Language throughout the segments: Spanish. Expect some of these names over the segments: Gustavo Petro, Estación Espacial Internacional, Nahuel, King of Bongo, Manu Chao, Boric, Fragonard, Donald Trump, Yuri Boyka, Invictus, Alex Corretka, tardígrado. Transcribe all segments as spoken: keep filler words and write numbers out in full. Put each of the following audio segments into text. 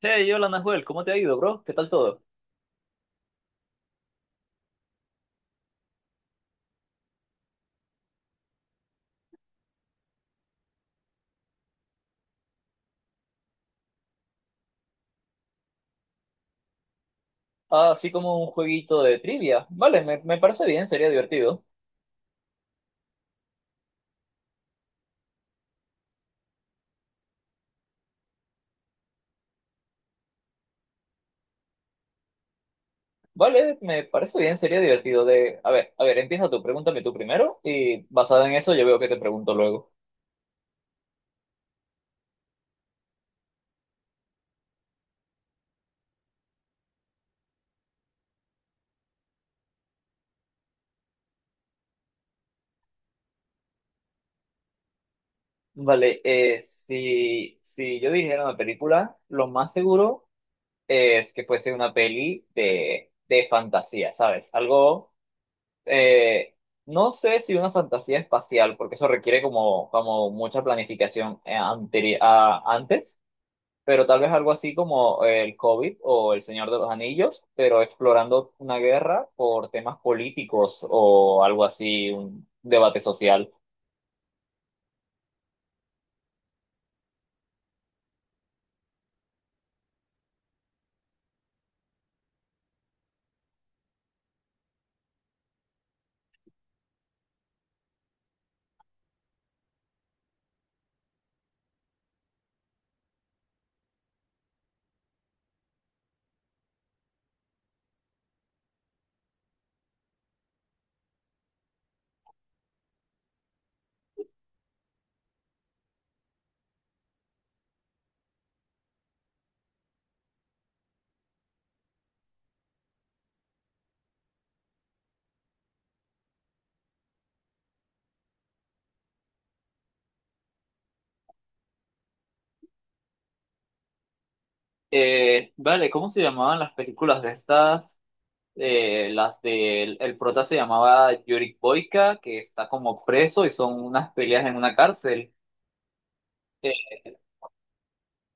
Hey, hola Nahuel, ¿cómo te ha ido, bro? ¿Qué tal todo? Ah, así como un jueguito de trivia. Vale, me, me parece bien, sería divertido. Vale, me parece bien, sería divertido de... A ver, a ver, empieza tú, pregúntame tú primero y basado en eso yo veo que te pregunto luego. Vale, eh, si, si yo dijera una película, lo más seguro es que fuese una peli de, de fantasía, ¿sabes? Algo... eh, no sé si una fantasía espacial, porque eso requiere como, como mucha planificación, eh, anteri- a- antes. Pero tal vez algo así como el COVID o El Señor de los Anillos, pero explorando una guerra por temas políticos o algo así, un debate social. Eh, vale, ¿cómo se llamaban las películas de estas? Eh, las del el prota se llamaba Yuri Boyka, que está como preso y son unas peleas en una cárcel. Eh,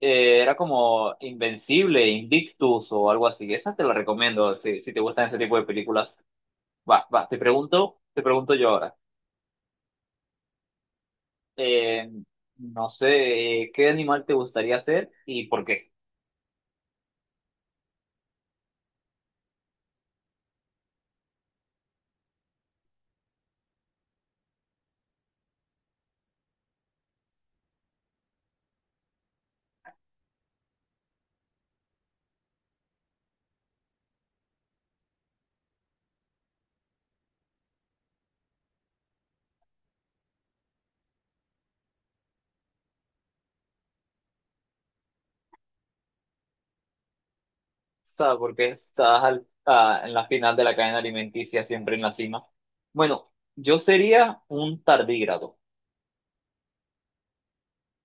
eh, era como Invencible, Invictus o algo así. Esas te las recomiendo si, si te gustan ese tipo de películas. Va, va, te pregunto, te pregunto yo ahora. Eh, no sé, eh, ¿qué animal te gustaría ser y por qué? ¿Sabes por qué estás al- ah, en la final de la cadena alimenticia, siempre en la cima? Bueno, yo sería un tardígrado.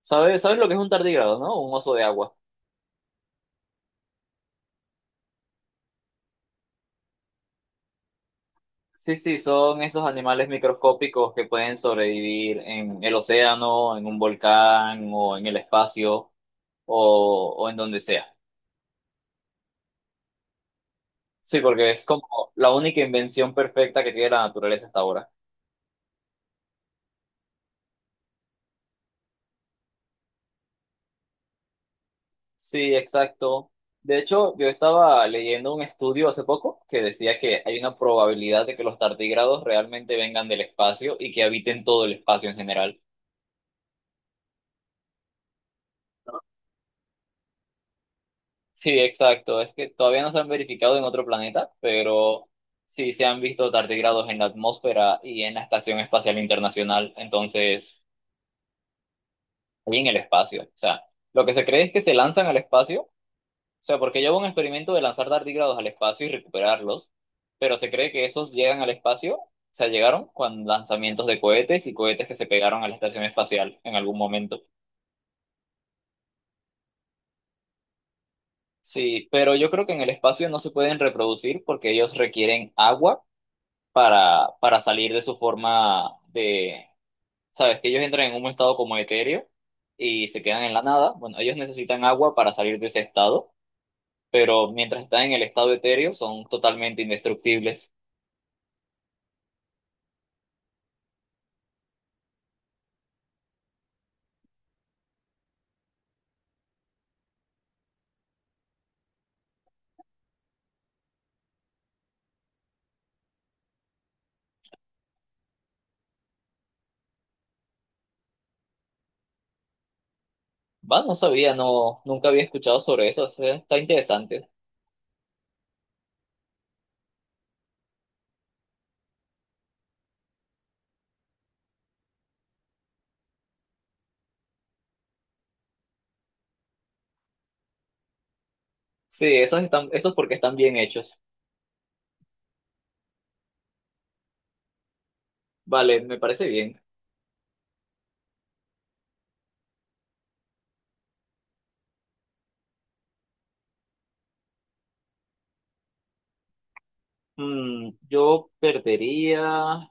¿Sabes, sabes lo que es un tardígrado, no? Un oso de agua. Sí, sí, son esos animales microscópicos que pueden sobrevivir en el océano, en un volcán o en el espacio o, o en donde sea. Sí, porque es como la única invención perfecta que tiene la naturaleza hasta ahora. Sí, exacto. De hecho, yo estaba leyendo un estudio hace poco que decía que hay una probabilidad de que los tardigrados realmente vengan del espacio y que habiten todo el espacio en general. Sí, exacto. Es que todavía no se han verificado en otro planeta, pero sí se han visto tardigrados en la atmósfera y en la Estación Espacial Internacional, entonces, y en el espacio. O sea, lo que se cree es que se lanzan al espacio. O sea, porque yo hago un experimento de lanzar tardígrados al espacio y recuperarlos, pero se cree que esos llegan al espacio, o sea, llegaron con lanzamientos de cohetes y cohetes que se pegaron a la estación espacial en algún momento. Sí, pero yo creo que en el espacio no se pueden reproducir porque ellos requieren agua para, para salir de su forma de, sabes, que ellos entran en un estado como etéreo y se quedan en la nada. Bueno, ellos necesitan agua para salir de ese estado, pero mientras están en el estado etéreo son totalmente indestructibles. Va, no sabía, no, nunca había escuchado sobre eso. O sea, está interesante. Sí, esos están, esos porque están bien hechos. Vale, me parece bien. Mm, yo perdería,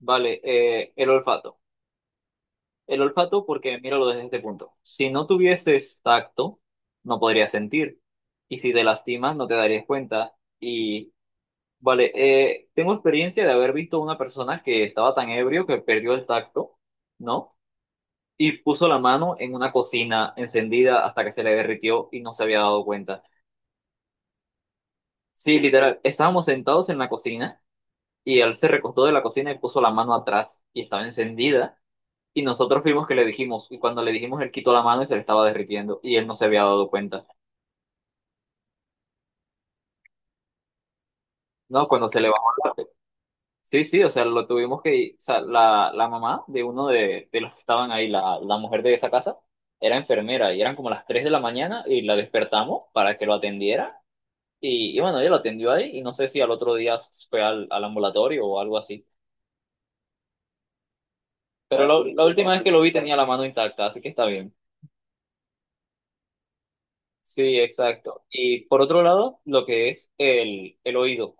vale, eh, el olfato. El olfato porque míralo desde este punto. Si no tuvieses tacto, no podrías sentir. Y si te lastimas, no te darías cuenta. Y, vale, eh, tengo experiencia de haber visto a una persona que estaba tan ebrio que perdió el tacto, ¿no? Y puso la mano en una cocina encendida hasta que se le derritió y no se había dado cuenta. Sí, literal, estábamos sentados en la cocina y él se recostó de la cocina y puso la mano atrás y estaba encendida y nosotros fuimos que le dijimos y cuando le dijimos él quitó la mano y se le estaba derritiendo y él no se había dado cuenta. No, cuando se le bajó la... Sí, sí, o sea, lo tuvimos que... O sea, la, la mamá de uno de, de los que estaban ahí, la, la mujer de esa casa, era enfermera y eran como las tres de la mañana y la despertamos para que lo atendiera. Y, y bueno, ella lo atendió ahí y no sé si al otro día fue al, al ambulatorio o algo así. Pero ah, la, pues la última vez que lo vi tenía la mano intacta, así que está bien. Sí, exacto. Y por otro lado, lo que es el, el oído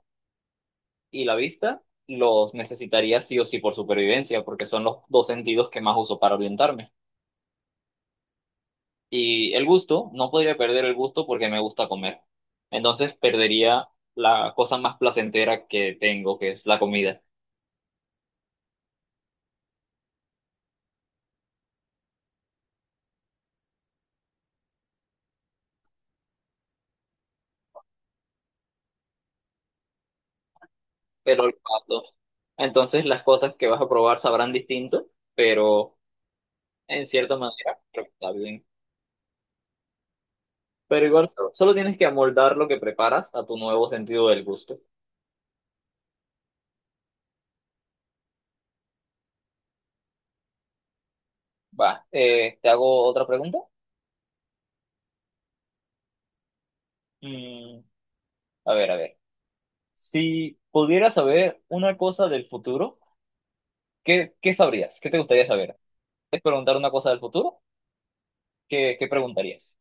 y la vista, los necesitaría sí o sí por supervivencia, porque son los dos sentidos que más uso para orientarme. Y el gusto, no podría perder el gusto porque me gusta comer. Entonces perdería la cosa más placentera que tengo, que es la comida. Pero olfato. Entonces las cosas que vas a probar sabrán distinto, pero en cierta manera creo que está bien. Pero igual solo, solo tienes que amoldar lo que preparas a tu nuevo sentido del gusto. Va, eh, ¿te hago otra pregunta? Mm, a ver, a ver. Si pudieras saber una cosa del futuro, ¿qué, qué sabrías? ¿Qué te gustaría saber? ¿Quieres preguntar una cosa del futuro? ¿Qué, qué preguntarías?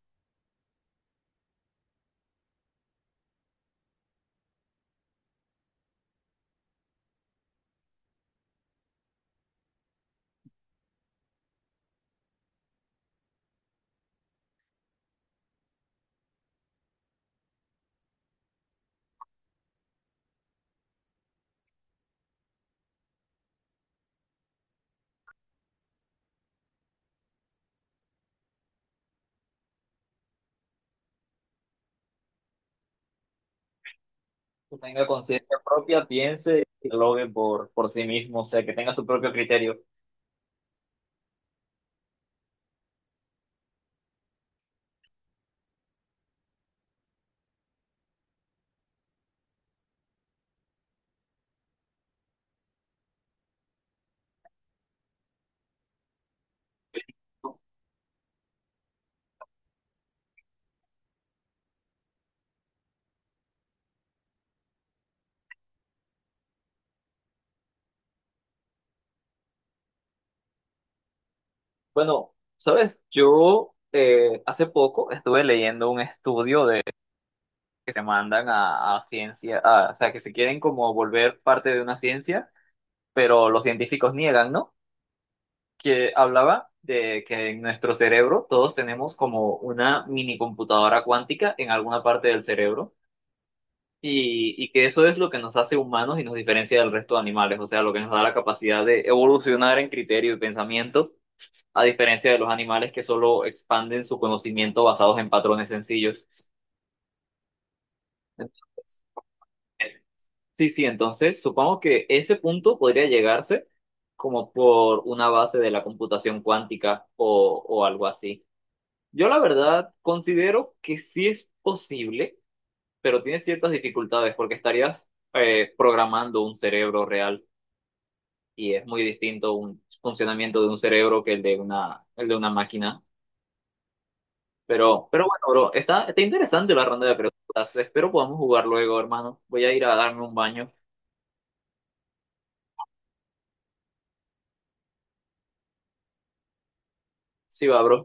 Que tenga conciencia propia, piense y lo logre por, por sí mismo, o sea, que tenga su propio criterio. Bueno, sabes, yo, eh, hace poco estuve leyendo un estudio de que se mandan a, a ciencia, a- o sea, que se quieren como volver parte de una ciencia, pero los científicos niegan, ¿no? Que hablaba de que en nuestro cerebro todos tenemos como una mini computadora cuántica en alguna parte del cerebro y, y que eso es lo que nos hace humanos y nos diferencia del resto de animales, o sea, lo que nos da la capacidad de evolucionar en criterio y pensamiento a diferencia de los animales que solo expanden su conocimiento basados en patrones sencillos. Entonces, sí, sí, entonces supongo que ese punto podría llegarse como por una base de la computación cuántica o, o algo así. Yo la verdad considero que sí es posible, pero tiene ciertas dificultades porque estarías, eh, programando un cerebro real y es muy distinto un funcionamiento de un cerebro que el de una, el de una máquina. Pero, pero bueno, bro, está, está interesante la ronda de preguntas. Espero podamos jugar luego, hermano. Voy a ir a darme un baño. Sí, va, bro.